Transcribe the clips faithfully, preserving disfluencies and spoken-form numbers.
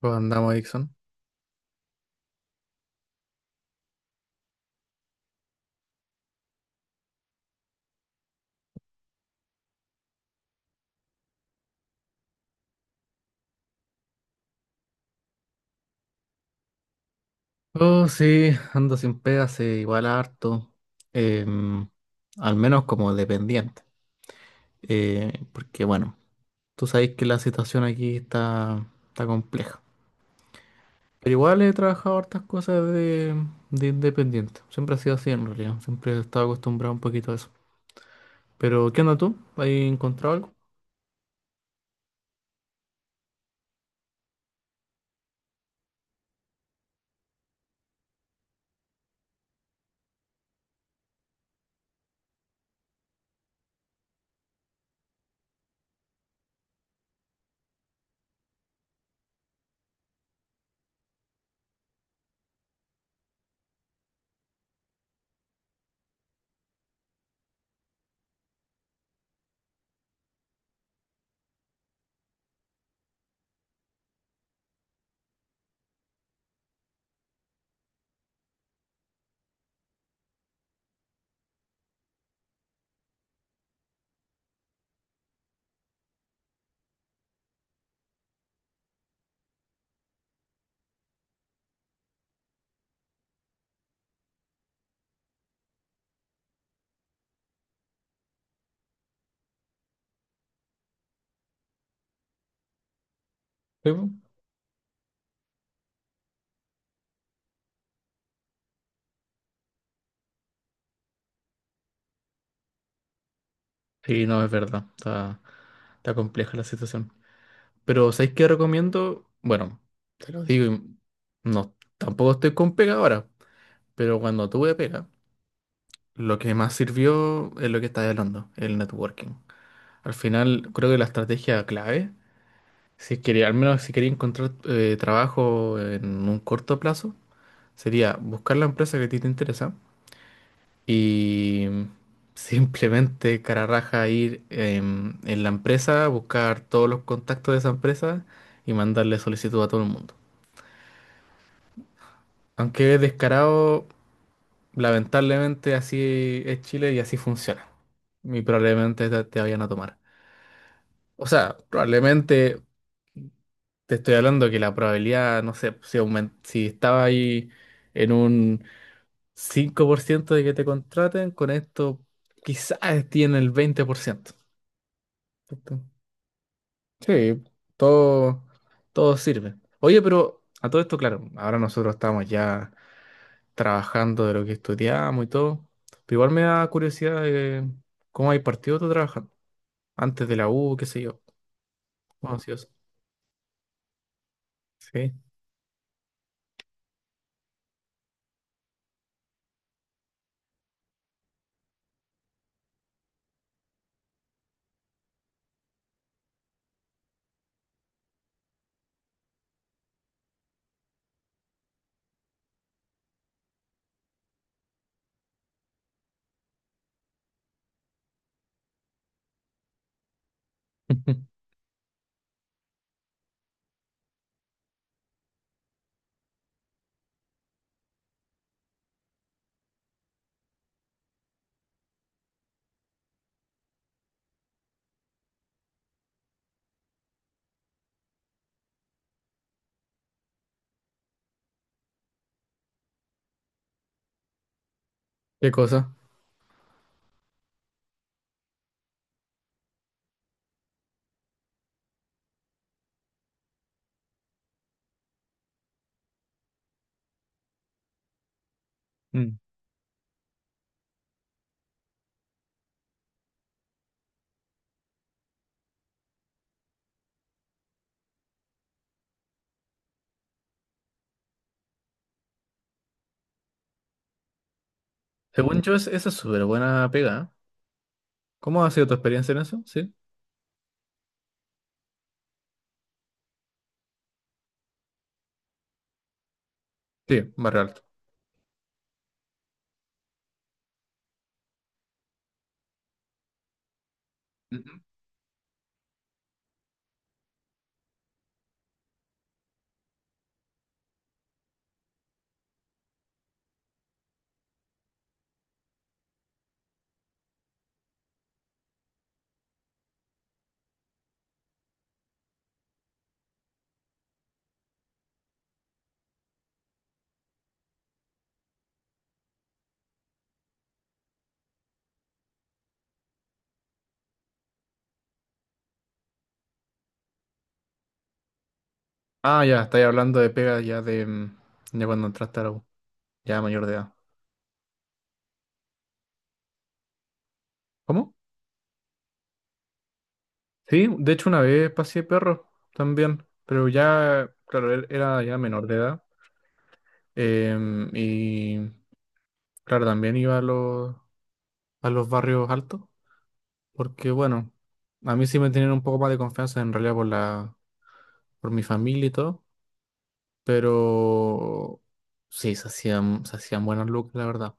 ¿Cómo andamos, Dixon? Oh, sí, ando sin pega hace igual harto. em, Al menos como dependiente. Eh, porque bueno, tú sabes que la situación aquí está, está compleja. Pero igual he trabajado hartas cosas de, de independiente. Siempre ha sido así en realidad. Siempre he estado acostumbrado un poquito a eso. Pero, ¿qué onda tú? ¿Has encontrado algo? Sí, po. Sí, no, es verdad. Está, está compleja la situación. Pero ¿sabéis qué recomiendo? Bueno, te lo digo, y no, tampoco estoy con pega ahora, pero cuando tuve pega, lo que más sirvió es lo que estás hablando, el networking. Al final, creo que la estrategia clave, si quería, al menos si quería encontrar eh, trabajo en un corto plazo, sería buscar la empresa que a ti te interesa y simplemente cara raja ir em, en la empresa, buscar todos los contactos de esa empresa y mandarle solicitud a todo el mundo. Aunque es descarado, lamentablemente así es Chile y así funciona. Y probablemente te, te vayan a tomar. O sea, probablemente te estoy hablando que la probabilidad, no sé, si, aumen- si estaba ahí en un cinco por ciento de que te contraten, con esto quizás esté en el veinte por ciento. ¿Cierto? Sí, todo, todo sirve. Oye, pero a todo esto, claro, ahora nosotros estamos ya trabajando de lo que estudiamos y todo. Pero igual me da curiosidad de cómo hay partido tú trabajando. Antes de la U, qué sé yo. Bueno, sí, eso. Sí. ¿Qué cosa? Mm. Según yo, es- esa es súper buena pega, ¿eh? ¿Cómo ha sido tu experiencia en eso? Sí. Sí, barrio alto. Ujú. Ah, ya, estáis hablando de pega ya de, mm, de cuando entraste a la U, ya mayor de edad. ¿Cómo? Sí, de hecho una vez pasé perro también, pero ya, claro, él era ya menor de edad. em, y Claro, también iba a los, a los barrios altos, porque bueno, a mí sí me tenían un poco más de confianza en realidad por la, por mi familia y todo, pero sí, se hacían, se hacían buenas lucas, la verdad.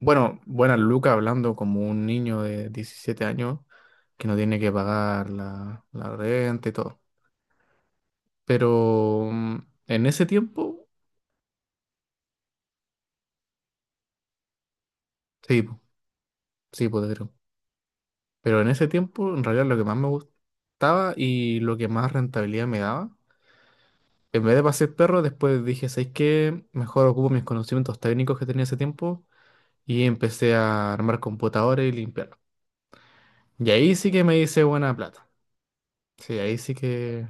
Bueno, buenas lucas hablando como un niño de diecisiete años que no tiene que pagar la, la renta y todo. Pero mm, en ese tiempo, sí, po, sí, pues creo. Pero en ese tiempo, en realidad lo que más me gustaba y lo que más rentabilidad me daba. En vez de pasear perro, después dije, ¿sabes qué? Mejor ocupo mis conocimientos técnicos que tenía hace tiempo y empecé a armar computadores y limpiar. Y ahí sí que me hice buena plata. Sí, ahí sí que...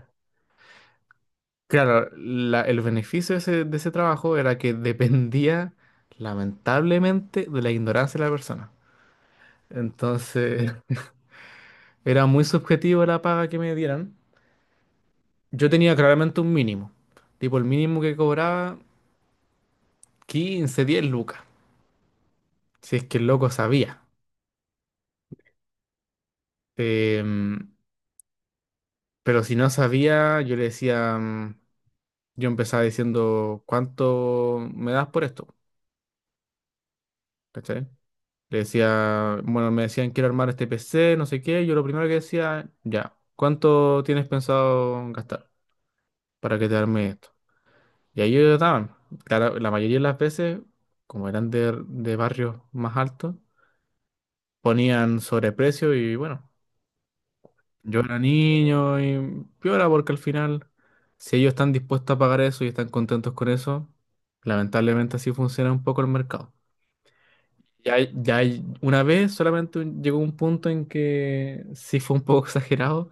Claro, la- el beneficio de ese, de ese trabajo era que dependía, lamentablemente, de la ignorancia de la persona. Entonces, era muy subjetivo la paga que me dieran. Yo tenía claramente un mínimo. Tipo, el mínimo que cobraba, quince diez lucas. Si es que el loco sabía. Em, pero si no sabía, yo le decía, mm, yo empezaba diciendo, ¿cuánto me das por esto? ¿Cachai? Le decía, bueno, me decían, quiero armar este P C, no sé qué. Yo lo primero que decía, ya, ¿cuánto tienes pensado gastar para que te arme esto? Y ahí ellos daban. Claro, la mayoría de las veces, como eran de, de barrios más altos, ponían sobreprecio y bueno, yo era niño y piola porque al final, si ellos están dispuestos a pagar eso y están contentos con eso, lamentablemente así funciona un poco el mercado. Ya, hay- ya hay- una vez solamente un- llegó un punto en que sí fue un poco exagerado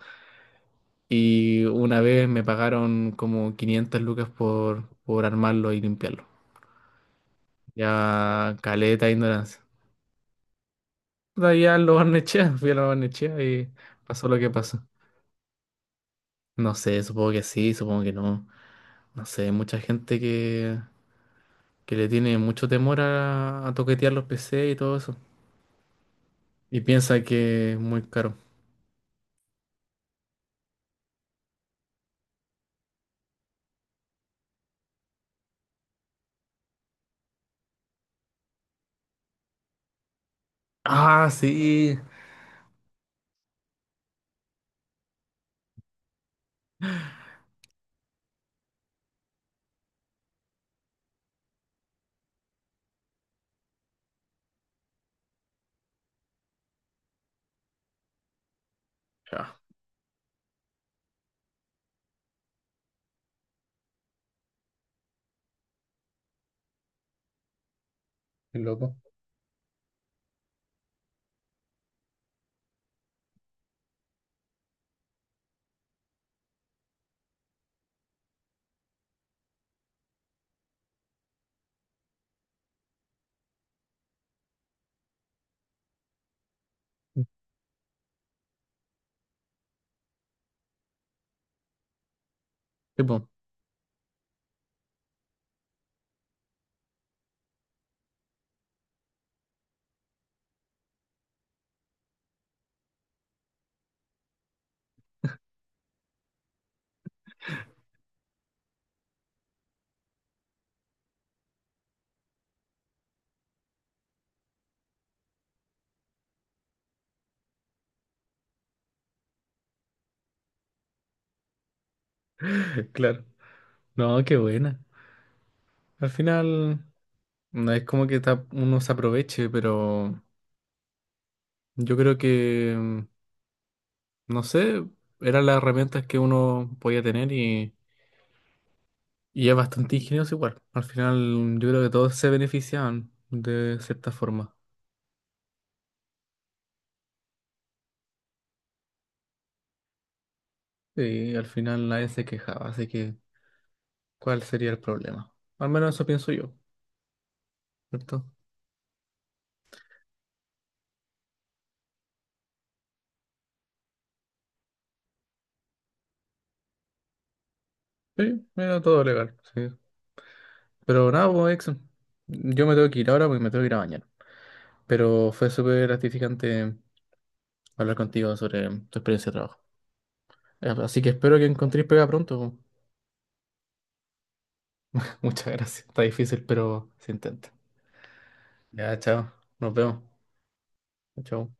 y una vez me pagaron como quinientas lucas por, por armarlo y limpiarlo. Ya caleta de ignorancia. De ahí a lo barnechea, fui a la barnechea y pasó lo que pasó. No sé, supongo que sí, supongo que no. No sé, mucha gente que que le tiene mucho temor a, a toquetear los P C y todo eso. Y piensa que es muy caro. Ah, sí. Ah, qué loco. Sí, po. Claro. No, qué buena. Al final, no es como que ta- uno se aproveche, pero yo creo que, mm, no sé, eran las herramientas que uno podía tener y, y es bastante ingenioso igual. Al final, yo creo que todos se beneficiaban de cierta forma. Y al final nadie se quejaba, así que ¿cuál sería el problema? Al menos eso pienso yo, ¿cierto? Sí, mira, todo legal, sí. Pero nada, pues, Exxon, yo me tengo que ir ahora porque me tengo que ir a bañar. Pero fue súper gratificante hablar contigo sobre tu experiencia de trabajo. Eh, Así que espero que encontréis pega pronto. Muchas gracias. Está difícil, pero se intenta. Ya, chao. Nos vemos. Chao.